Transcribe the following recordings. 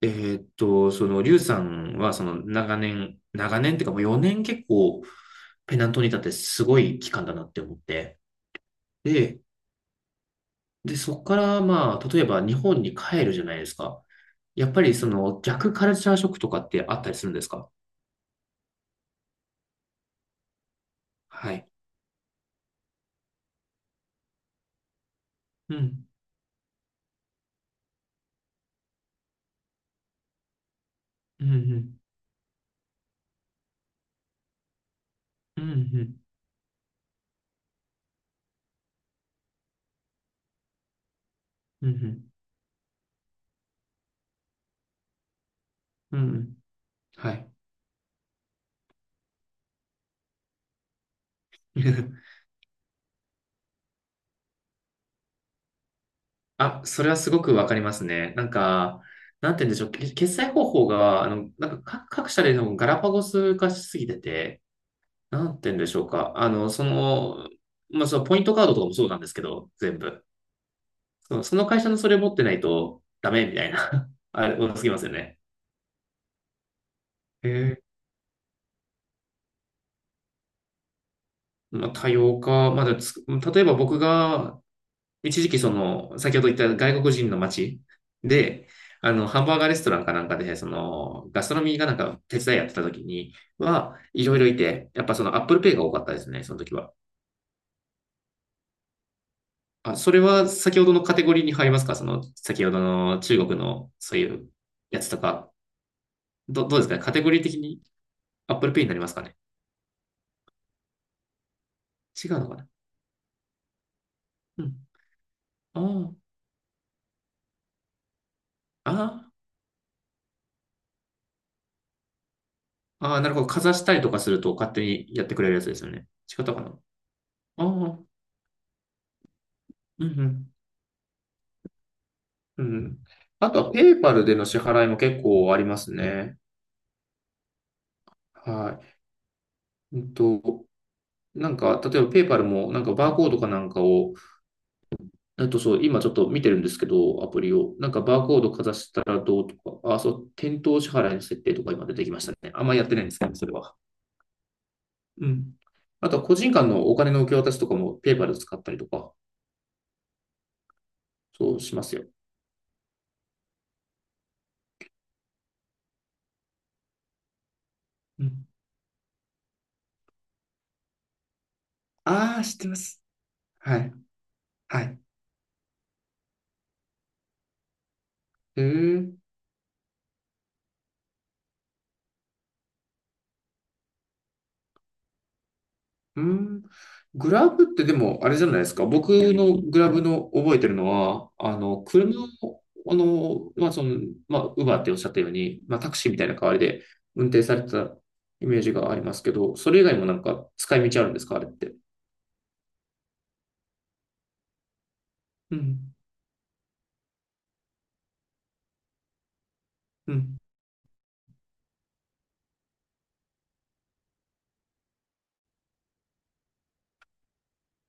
リュウさんは、長年、長年っていうか、もう4年結構、ペナントに立ってすごい期間だなって思って。で、で、そこから、まあ、例えば日本に帰るじゃないですか。やっぱり、逆カルチャーショックとかってあったりするんですか？はい。うん。うん、うん。うん、うん。うん、うん。うんうん。はい。あ、それはすごくわかりますね。なんか、なんて言うんでしょう。け決済方法が、なんか各、各社でのガラパゴス化しすぎてて、なんて言うんでしょうか。まあ、そのポイントカードとかもそうなんですけど、全部。その、その会社のそれ持ってないとダメみたいな。あれ、多すぎますよね。へえ。まあ、多様化。まだつ、例えば僕が、一時期その、先ほど言った外国人の街で、ハンバーガーレストランかなんかで、ガストロミーがなんか手伝いやってた時には、いろいろいて、やっぱその Apple Pay が多かったですね、その時は。あ、それは先ほどのカテゴリーに入りますか？その、先ほどの中国のそういうやつとか、ど、どうですかね、カテゴリー的に Apple Pay になりますかね？違うのかな。うん。ああ、ああ、ああ、なるほど。かざしたりとかすると勝手にやってくれるやつですよね。違ったかな。ああ、うん、うん。うん。あとはペイパルでの支払いも結構ありますね。はい。うんと、なんか、例えばペイパルもなんかバーコードかなんかを、えっと、そう、今ちょっと見てるんですけど、アプリを。なんかバーコードかざしたらどうとか、あ、そう、店頭支払いの設定とか今出てきましたね。あんまやってないんですけど、それは。うん。あとは個人間のお金の受け渡しとかもペーパル使ったりとか、そうしますよ。うん。ああ、知ってます。はい。はい。へえ。うん。グラブってでも、あれじゃないですか。僕のグラブの覚えてるのは、車を、まあ、ウバーっておっしゃったように、まあ、タクシーみたいな代わりで運転されてたイメージがありますけど、それ以外もなんか使い道あるんですか、あれって？うん、うん、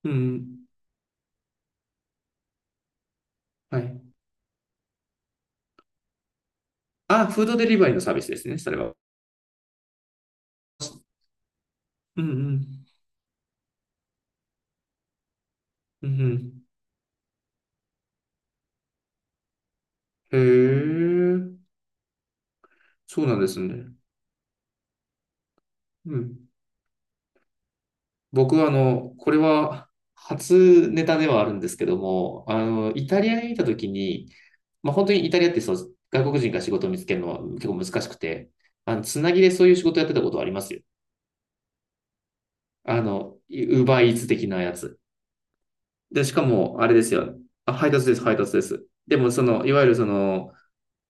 うん、はい。あ、フードデリバリーのサービスですね、それは。うん、うん、うん、うん。へえ、そうなんですね。うん。僕はこれは初ネタではあるんですけども、イタリアにいた時に、まあ、本当にイタリアってそう外国人が仕事を見つけるのは結構難しくて、つなぎでそういう仕事やってたことはありますよ。ウーバーイーツ的なやつ。で、しかも、あれですよ。あ、配達です、配達です。でも、いわゆるその、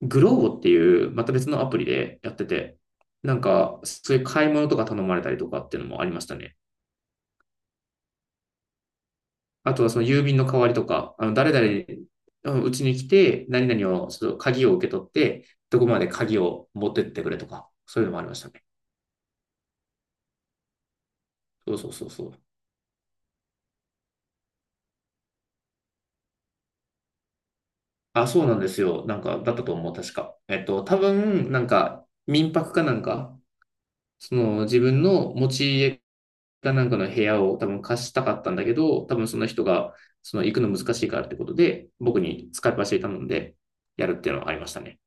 グローボっていう、また別のアプリでやってて、なんか、そういう買い物とか頼まれたりとかっていうのもありましたね。あとはその郵便の代わりとか、あの誰々うちに来て、何々を、その鍵を受け取って、どこまで鍵を持ってってくれとか、そういうのもありましたね。そうそうそうそう。あ、そうなんですよ。なんか、だったと思う、確か。えっと、多分、なんか、民泊かなんか、その自分の持ち家かなんかの部屋を多分貸したかったんだけど、多分その人が、その行くの難しいからってことで、僕に使い走り頼んでやるっていうのはありましたね。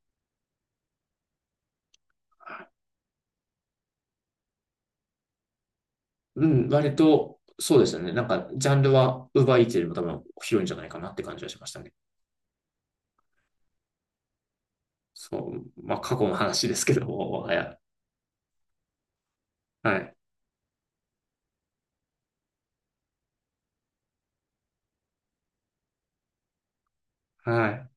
うん、割と、そうですよね。なんか、ジャンルは、ウーバーイーツよりも多分広いんじゃないかなって感じはしましたね。そう。まあ、過去の話ですけども、もはや。はい。はい。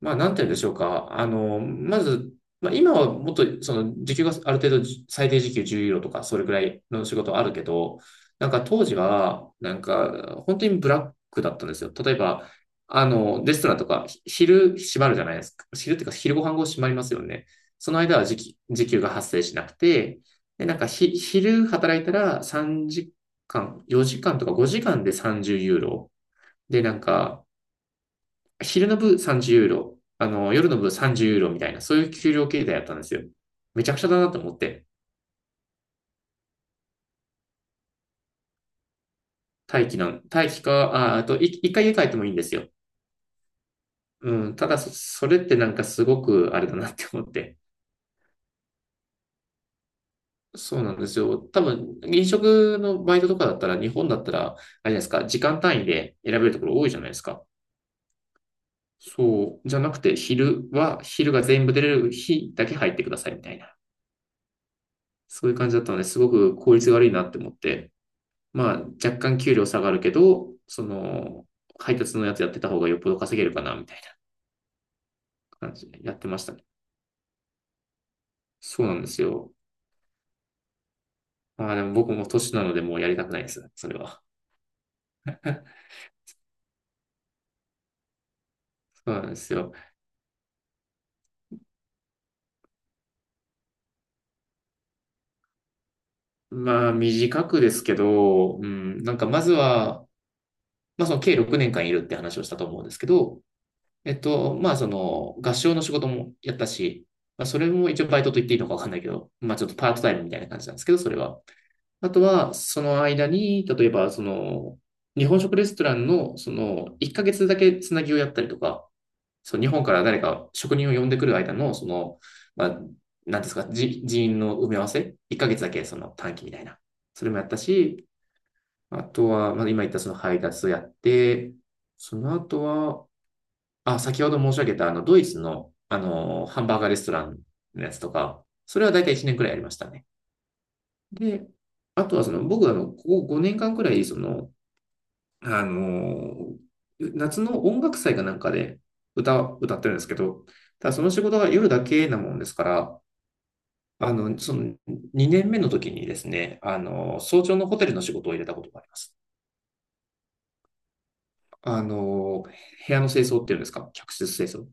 まあ、なんて言うんでしょうか。まず、まあ、今はもっと、時給がある程度、最低時給10ユーロとか、それぐらいの仕事はあるけど、なんか当時は、なんか、本当にブラックだったんですよ。例えば、レストランとか、ひ昼閉まるじゃないですか。昼っていうか、昼ご飯後閉まりますよね。その間は時給が発生しなくて、で、なんかひ、昼働いたら3時間、4時間とか5時間で30ユーロ。で、なんか、昼の部30ユーロ、あの、夜の部30ユーロみたいな、そういう給料形態やったんですよ。めちゃくちゃだなと思って。待機なん、待機か、あ、あと、い一回家帰ってもいいんですよ。うん、ただそ、それってなんかすごくあれだなって思って。そうなんですよ。多分、飲食のバイトとかだったら、日本だったら、あれじゃないですか、時間単位で選べるところ多いじゃないですか。そう、じゃなくて、昼は、昼が全部出れる日だけ入ってくださいみたいな。そういう感じだったので、すごく効率が悪いなって思って。まあ、若干給料下がるけど、配達のやつやってた方がよっぽど稼げるかな、みたいな感じでやってましたね。そうなんですよ。まあでも僕も年なのでもうやりたくないです、それは。そうなんですよ。まあ短くですけど、うん、なんかまずは、まあその計6年間いるって話をしたと思うんですけど、えっと、まあその合唱の仕事もやったし、まあそれも一応バイトと言っていいのかわかんないけど、まあちょっとパートタイムみたいな感じなんですけど、それは。あとは、その間に、例えば、日本食レストランの、1ヶ月だけつなぎをやったりとか、その日本から誰か職人を呼んでくる間の、まあ、なんですか、じ人員の埋め合わせ、1ヶ月だけその短期みたいな、それもやったし、あとは、まあ、今言ったその配達をやって、その後は、あ、先ほど申し上げた、ドイツの、ハンバーガーレストランのやつとか、それは大体1年くらいやりましたね。で、あとはその僕あの、ここ5年間くらい、あの、夏の音楽祭かなんかで歌ってるんですけど、ただその仕事が夜だけなもんですから、その2年目の時にですね、早朝のホテルの仕事を入れたことがあります。部屋の清掃っていうんですか、客室清掃。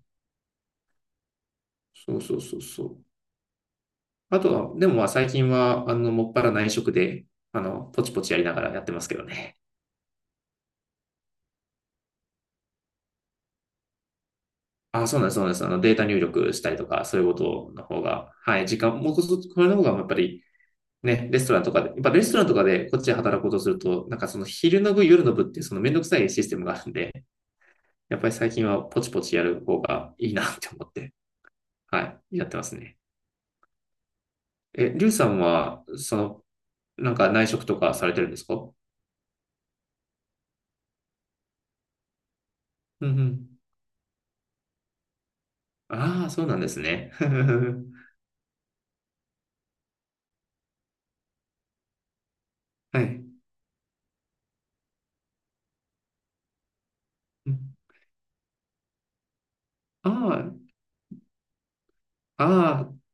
そうそうそうそう。あとは、でもまあ最近は、もっぱら内職で、ポチポチやりながらやってますけどね。あ、そうなんです、そうなんです。データ入力したりとか、そういうことの方が、はい、時間、もうこそ、これの方が、やっぱり、ね、レストランとかで、やっぱレストランとかでこっちで働こうとすると、なんかその昼の部、夜の部って、そのめんどくさいシステムがあるんで、やっぱり最近はポチポチやる方がいいなって思って、はい、やってますね。え、リュウさんは、なんか内職とかされてるんですか？うん。うん。ああ、そうなんですね。はい。ああ、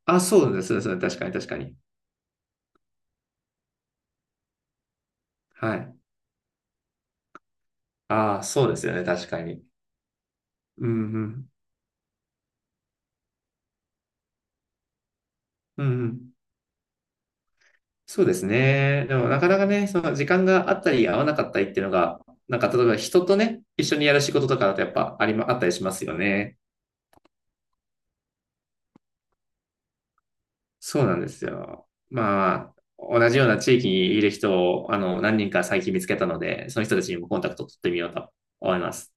ああ、あ、そうですね、そうですね。確かに、確かに。はい。ああ、そうですよね、確かに。うんうん。うんうん。そうですね。でもなかなかね、その時間があったり合わなかったりっていうのが、なんか例えば人とね、一緒にやる仕事とかだとやっぱありま、あったりしますよね。そうなんですよ。まあ、同じような地域にいる人を、何人か最近見つけたので、その人たちにもコンタクト取ってみようと思います。